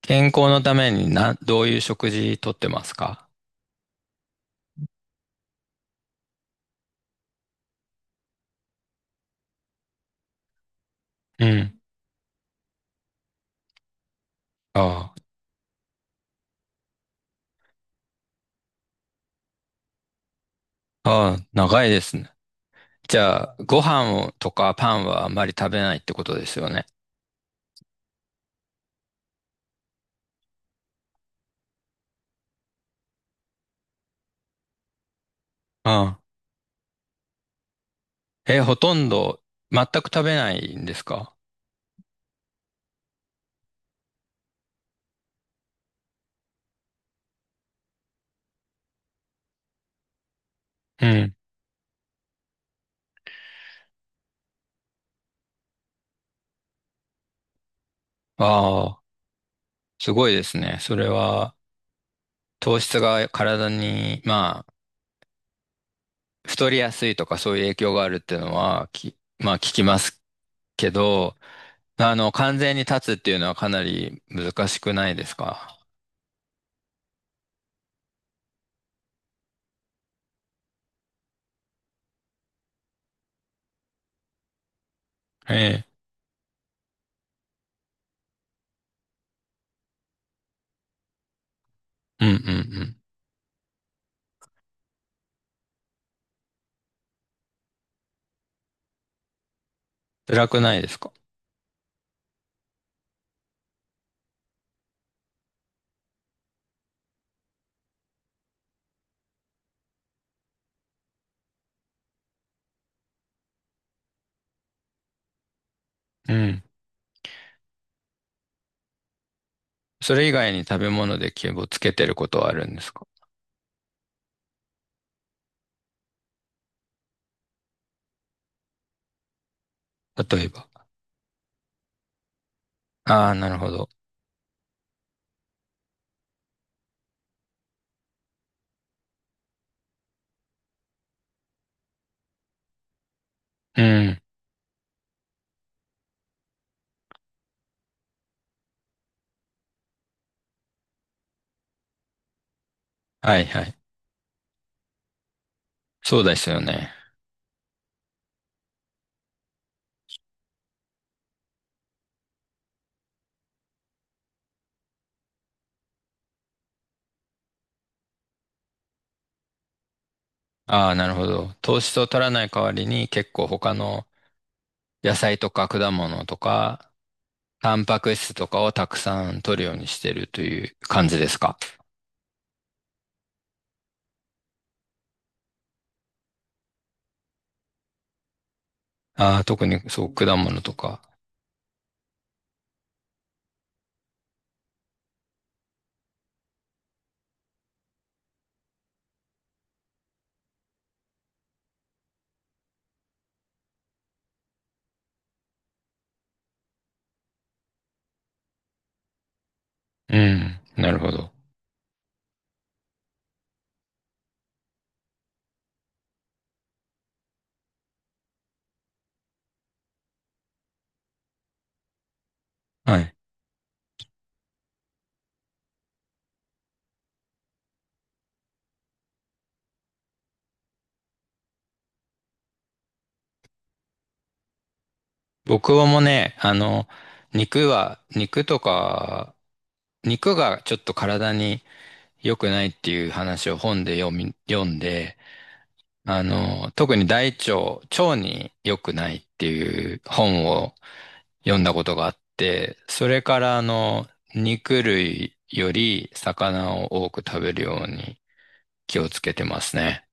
健康のためにな、どういう食事とってますか？うん。ああ、ああ、長いですね。じゃあ、ご飯をとかパンはあまり食べないってことですよね。ああ。え、ほとんど全く食べないんですか？うん。ああ、すごいですね。それは糖質が体に、まあ、太りやすいとかそういう影響があるっていうのは、まあ聞きますけど、あの、完全に断つっていうのはかなり難しくないですか？ええ。うんうん。辛くないですか？うん。それ以外に食べ物で気をつけてることはあるんですか？例えば。ああ、なるほど。うん。はいはい。そうですよね。ああ、なるほど。糖質を取らない代わりに結構他の野菜とか果物とか、タンパク質とかをたくさん取るようにしてるという感じですか？ああ、特にそう、果物とか。うん、なるほど。はい。僕もね、あの、肉は、肉とか、肉がちょっと体に良くないっていう話を本で読んで、あの、特に大腸、腸に良くないっていう本を読んだことがあって、それからあの、肉類より魚を多く食べるように気をつけてますね。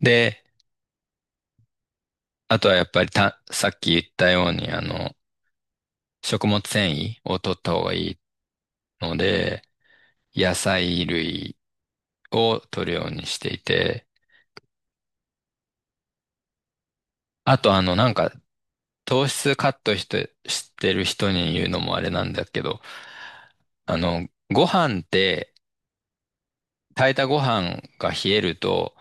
で、あとはやっぱりさっき言ったようにあの、食物繊維を取った方がいいので、野菜類を取るようにしていて、あとあの、なんか糖質カットして、してる人に言うのもあれなんだけど、あの、ご飯って、炊いたご飯が冷えると、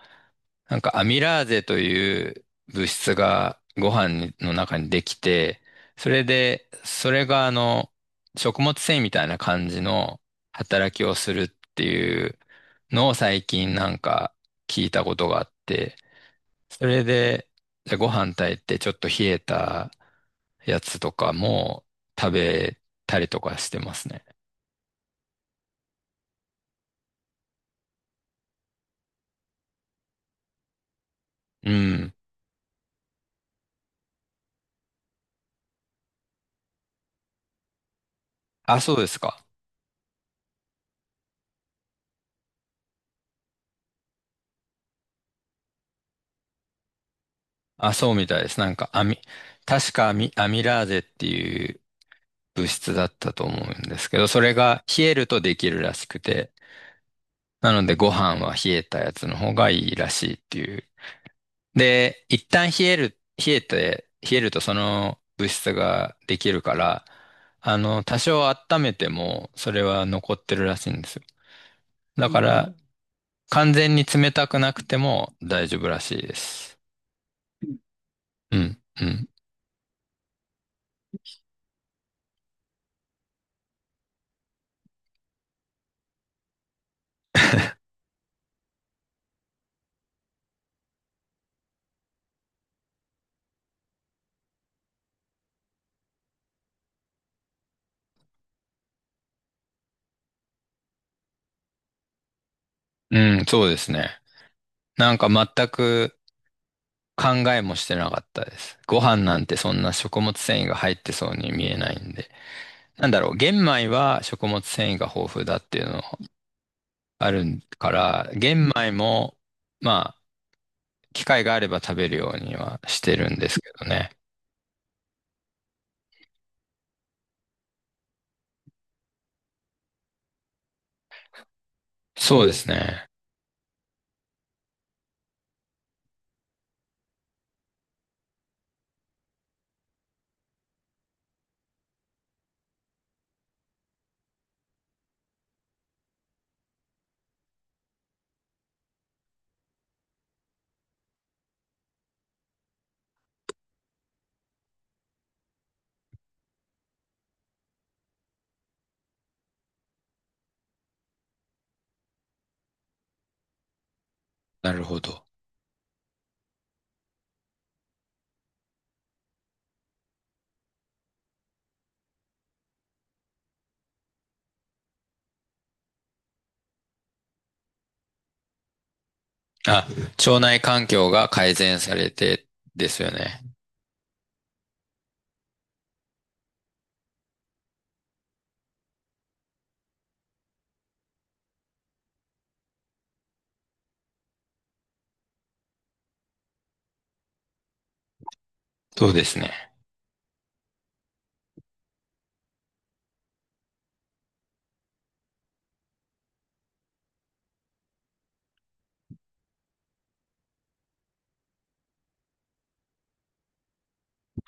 なんかアミラーゼという物質がご飯の中にできて、それで、それがあの、食物繊維みたいな感じの働きをするっていうのを最近なんか聞いたことがあって、それで、じゃあご飯炊いてちょっと冷えたやつとかも食べたりとかしてますね。うん。あ、そうですか。あ、そうみたいです。なんか、確かアミラーゼっていう物質だったと思うんですけど、それが冷えるとできるらしくて、なのでご飯は冷えたやつの方がいいらしいっていう。で、一旦冷える、冷えて、冷えるとその物質ができるから、あの、多少温めても、それは残ってるらしいんですよ。だうから、ん。完全に冷たくなくても大丈夫らしいです。うん、うん。うん、そうですね。なんか全く考えもしてなかったです。ご飯なんてそんな食物繊維が入ってそうに見えないんで。なんだろう、玄米は食物繊維が豊富だっていうのあるから、玄米も、まあ、機会があれば食べるようにはしてるんですけどね。そうですね。なるほど。あ、腸内環境が改善されてですよね。そうですね。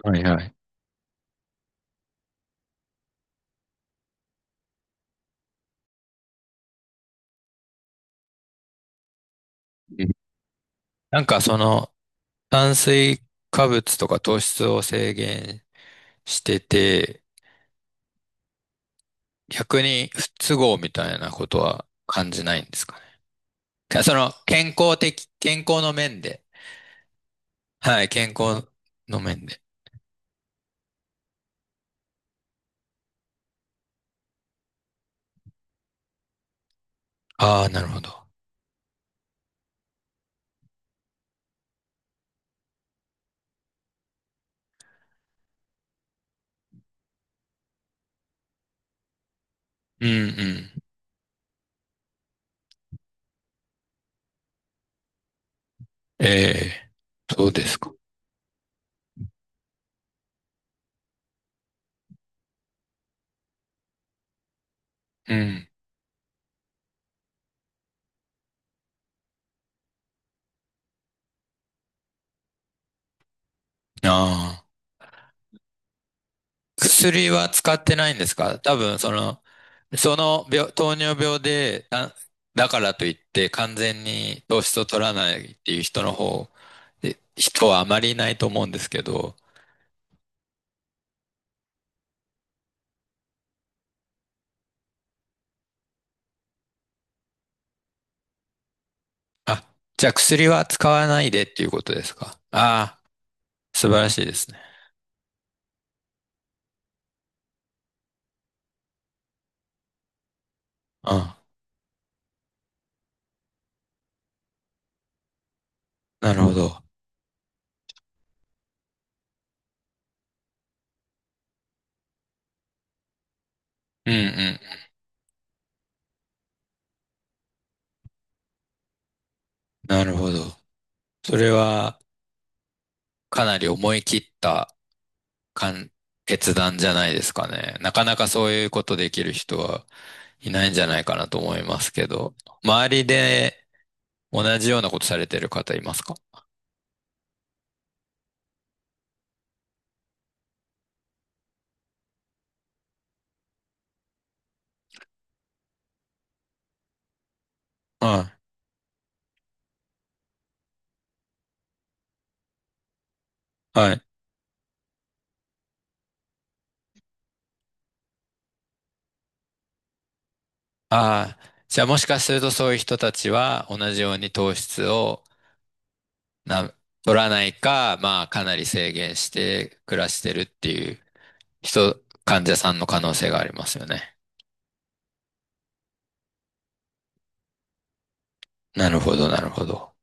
はいはい。うん。なんかその炭水化物とか糖質を制限してて、逆に不都合みたいなことは感じないんですかね。その健康の面で。はい、健康の面で。ああ、なるほど。うんうん。ええ、そうですか。うん。ああ。薬は使ってないんですか？多分、その病、糖尿病で、だからといって完全に糖質を取らないっていう人の方、で人はあまりいないと思うんですけど、あ、じゃあ薬は使わないでっていうことですか？ああ、素晴らしいですね。あ、なるほど。うんうん。なるほど。それはかなり思い切ったかん決断じゃないですかね。なかなかそういうことできる人はいないんじゃないかなと思いますけど、周りで同じようなことされてる方いますか？はい。はい。ああ、じゃあもしかするとそういう人たちは同じように糖質をな、取らないか、まあかなり制限して暮らしてるっていう人、患者さんの可能性がありますよね。なるほど、なるほど。